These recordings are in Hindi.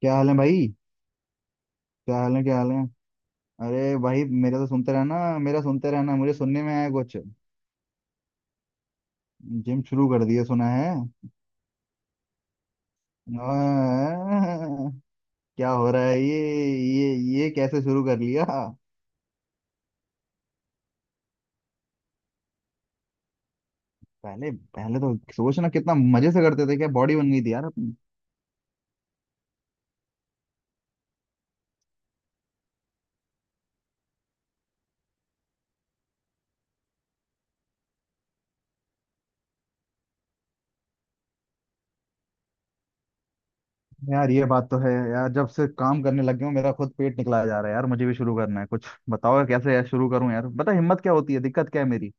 क्या हाल है भाई। क्या हाल है क्या हाल है। अरे भाई मेरा तो सुनते रहना। मेरा सुनते रहना, मुझे सुनने में आया कुछ जिम शुरू कर दिया सुना है। आह, क्या हो रहा है ये। ये ये कैसे शुरू कर लिया। पहले पहले तो सोचना कितना मजे से करते थे, क्या बॉडी बन गई थी यार अपनी। यार ये बात तो है यार, जब से काम करने लग गया हूं मेरा खुद पेट निकला जा रहा है यार। मुझे भी शुरू करना है, कुछ बताओ यार, कैसे यार शुरू करूं यार, बता हिम्मत क्या होती है, दिक्कत क्या है मेरी।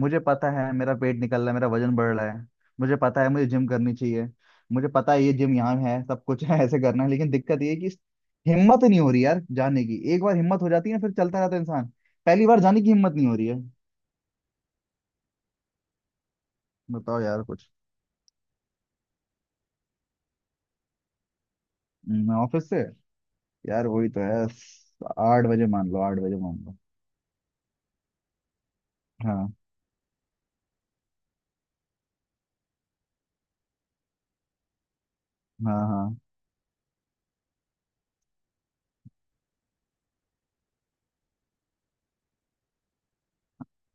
मुझे पता है मेरा पेट निकल रहा है, मेरा वजन बढ़ रहा है। मुझे पता है मुझे जिम करनी चाहिए। मुझे पता है ये जिम यहाँ है, सब कुछ है ऐसे करना है, लेकिन दिक्कत ये है कि हिम्मत नहीं हो रही यार जाने की। एक बार हिम्मत हो जाती है फिर चलता रहता है इंसान। पहली बार जाने की हिम्मत नहीं हो रही है। बताओ यार कुछ। ऑफिस से यार वही तो है। 8 बजे मान लो, 8 बजे मान लो। हाँ हाँ हाँ।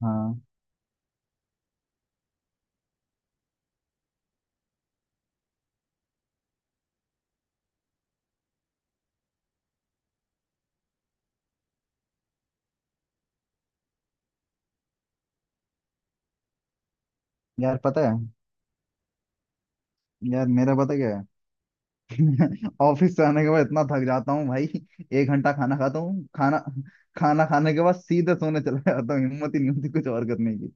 हाँ यार पता है। यार मेरा पता क्या है। ऑफिस से आने के बाद इतना थक जाता हूँ भाई। 1 घंटा खाना खाता हूँ। खाना खाना खाने के बाद सीधे सोने चला जाता हूँ, हिम्मत ही नहीं होती कुछ और करने की।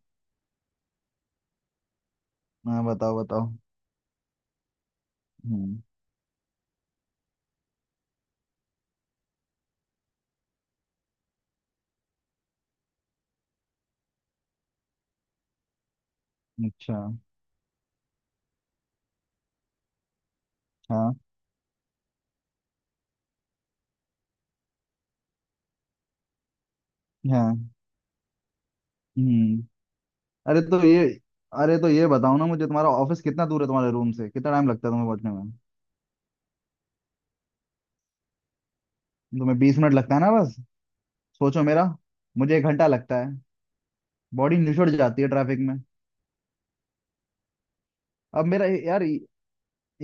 हाँ बताओ बताओ। हम्म। अच्छा। हाँ हाँ। हम्म। अरे तो ये अरे तो ये बताओ ना मुझे, तुम्हारा ऑफिस कितना दूर है तुम्हारे रूम से, कितना टाइम लगता है तुम्हें पहुंचने में। तुम्हें 20 मिनट लगता है ना बस। सोचो मेरा, मुझे 1 घंटा लगता है। बॉडी निचुड़ जाती है ट्रैफिक में। अब मेरा यार,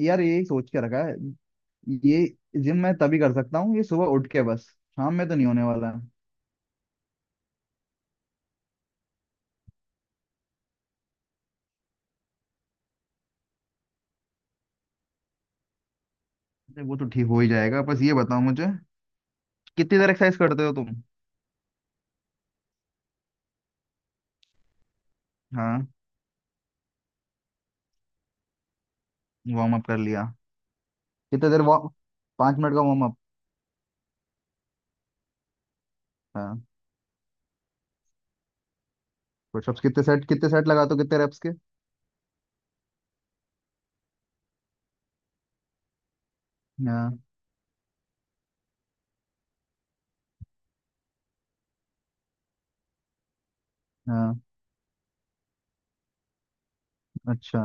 यार यही सोच के रखा है ये, जिम मैं तभी कर सकता हूँ ये, सुबह उठ के बस। शाम में तो नहीं होने वाला। अरे वो तो ठीक हो ही जाएगा, बस ये बताओ मुझे, कितनी देर एक्सरसाइज करते हो तुम। हाँ वार्म अप कर लिया। कितने देर वार्म, 5 मिनट का वार्म अप। हाँ पुशअप्स कितने सेट, कितने सेट लगाते हो, कितने रेप्स के। हाँ हाँ। अच्छा।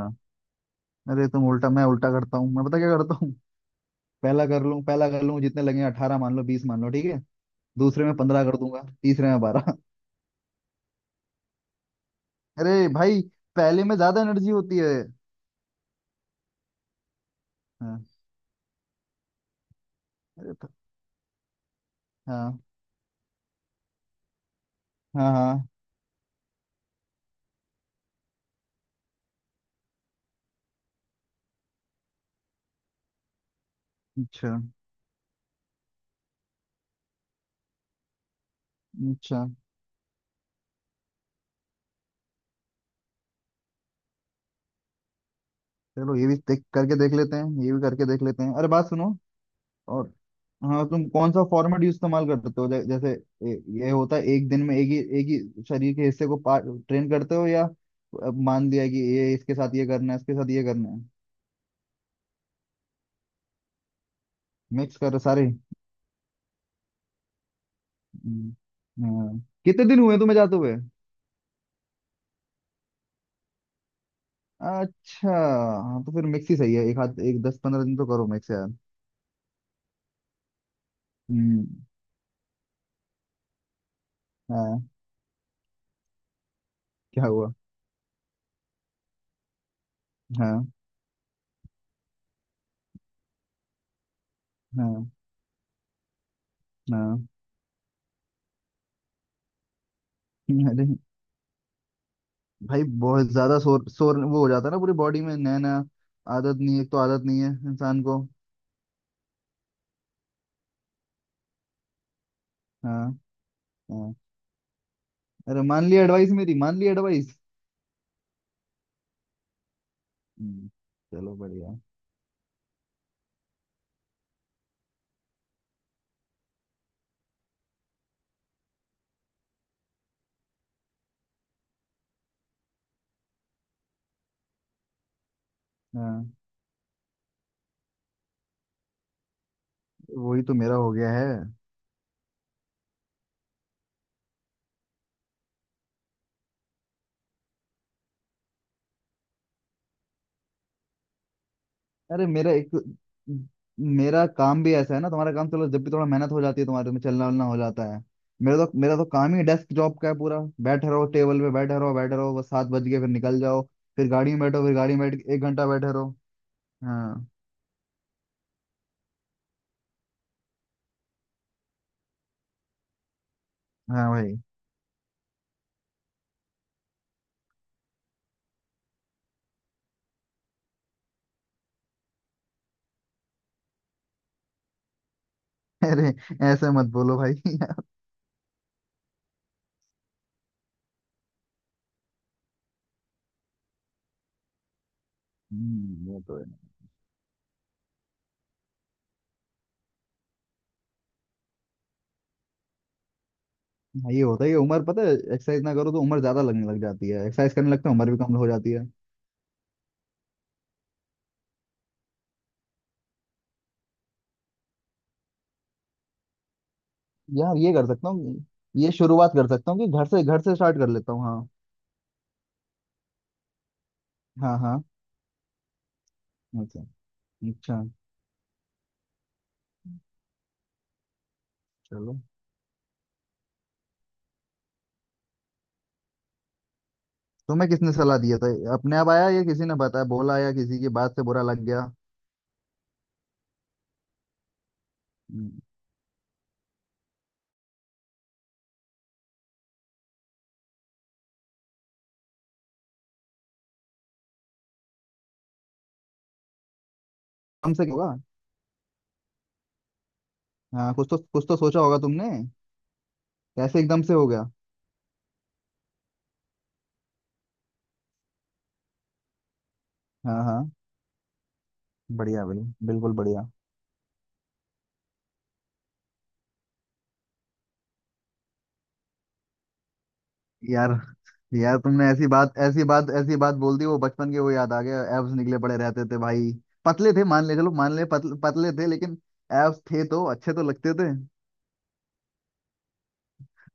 अरे तुम उल्टा, मैं उल्टा करता हूँ, मैं पता क्या करता हूँ, पहला कर लूँ, पहला कर लूँ जितने लगे, 18 मान लो, 20 मान लो, ठीक है। दूसरे में 15 कर दूंगा, तीसरे में 12। अरे भाई पहले में ज्यादा एनर्जी होती है। हाँ। अरे प- हाँ हाँ हाँ। अच्छा अच्छा। चलो ये भी देख करके देख लेते हैं, ये भी करके देख लेते हैं। अरे बात सुनो और, हाँ तुम कौन सा फॉर्मेट यूज इस्तेमाल करते हो, जैसे ये होता है एक दिन में एक ही, एक ही शरीर के हिस्से को ट्रेन करते हो, या अब मान लिया कि ये इसके साथ ये करना है, इसके साथ ये करना है। मिक्स कर सारे। हम्म, हाँ। कितने दिन हुए तुम्हें जाते हुए। अच्छा हाँ तो फिर मिक्स ही सही है, एक हाथ एक 10 15 दिन तो करो मिक्स यार। हम्म। हाँ क्या हुआ। हाँ हाँ हाँ। अरे भाई बहुत ज्यादा शोर शोर वो हो जाता है ना पूरी बॉडी में, नया नया आदत नहीं है, एक तो आदत नहीं है इंसान को। हाँ हाँ। अरे मान ली एडवाइस मेरी, मान ली एडवाइस। हम्म, चलो बढ़िया। हाँ वही तो मेरा हो गया है। अरे मेरा एक, मेरा काम भी ऐसा है ना, तुम्हारा काम चलो, जब भी थोड़ा मेहनत हो जाती है तुम्हारे में, चलना वलना हो जाता है। मेरा तो काम ही डेस्क जॉब का है पूरा। बैठे रहो टेबल पे, बैठे रहो बैठे रहो, बस 7 बज गए फिर निकल जाओ। फिर गाड़ी में बैठो, फिर गाड़ी में बैठ के 1 घंटा बैठे रहो। हाँ हाँ भाई। अरे ऐसे मत बोलो भाई। वो तो है। हाँ, ये होता है कि उम्र पता है, एक्सरसाइज ना करो तो उम्र ज्यादा लगने लग जाती है, एक्सरसाइज करने लगता है उम्र भी कम हो जाती है। यार ये कर सकता हूँ, ये शुरुआत कर सकता हूँ कि घर से, घर से स्टार्ट कर लेता हूँ। हाँ हाँ हाँ। अच्छा अच्छा। चलो तुम्हें किसने सलाह दिया था, अपने आप आया या किसी ने बताया बोला या किसी की बात से बुरा लग गया। हम्म, एकदम से होगा। हाँ कुछ तो सोचा होगा तुमने, कैसे एकदम से हो गया। हाँ हाँ बढ़िया बढ़िया बिल्कुल बढ़िया। यार यार तुमने ऐसी बात, ऐसी बात ऐसी बात बोल दी, वो बचपन के वो याद आ गया, एब्स निकले पड़े रहते थे भाई। पतले थे मान ले, चलो मान ले, पतले पतले थे लेकिन एब्स थे तो अच्छे तो लगते थे।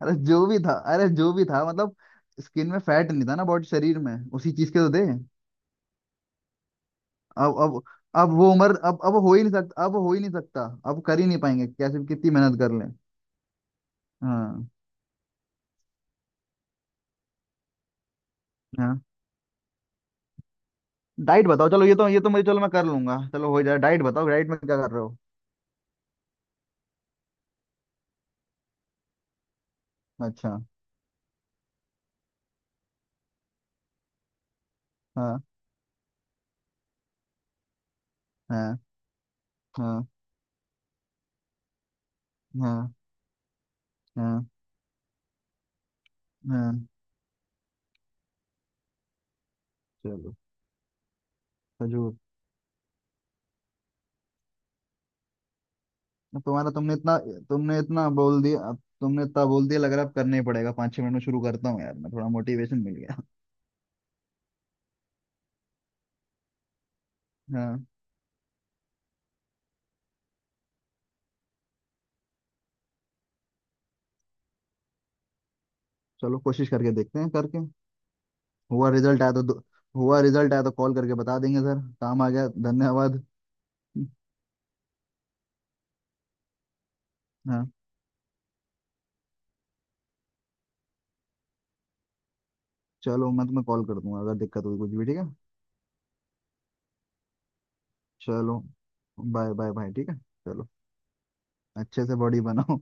अरे जो भी था, अरे जो भी था मतलब स्किन में फैट नहीं था ना बॉडी, शरीर में उसी चीज के तो थे। अब अब वो उम्र, अब हो ही नहीं सकता, अब हो ही नहीं सकता। अब कर ही नहीं पाएंगे कैसे भी, कितनी मेहनत कर लें। हाँ हाँ। डाइट बताओ, चलो ये तो मुझे, चलो मैं कर लूंगा, चलो हो जाए, डाइट बताओ, डाइट में क्या कर रहे हो। अच्छा हाँ हाँ हाँ हाँ हाँ हाँ। चलो खजूर। अब तुम्हारा तुमने इतना, तुमने इतना बोल दिया, अब तुमने इतना बोल दिया, लग रहा है अब करना ही पड़ेगा। 5 6 मिनट में शुरू करता हूँ यार मैं, थोड़ा मोटिवेशन मिल गया। हाँ चलो कोशिश करके देखते हैं करके। हुआ रिजल्ट आया तो दो- हुआ रिजल्ट आया तो कॉल करके बता देंगे सर, काम आ गया, धन्यवाद। हाँ चलो मैं तुम्हें कॉल कर दूंगा अगर दिक्कत हुई कुछ भी, ठीक है। चलो बाय बाय बाय, ठीक है चलो। अच्छे से बॉडी बनाओ।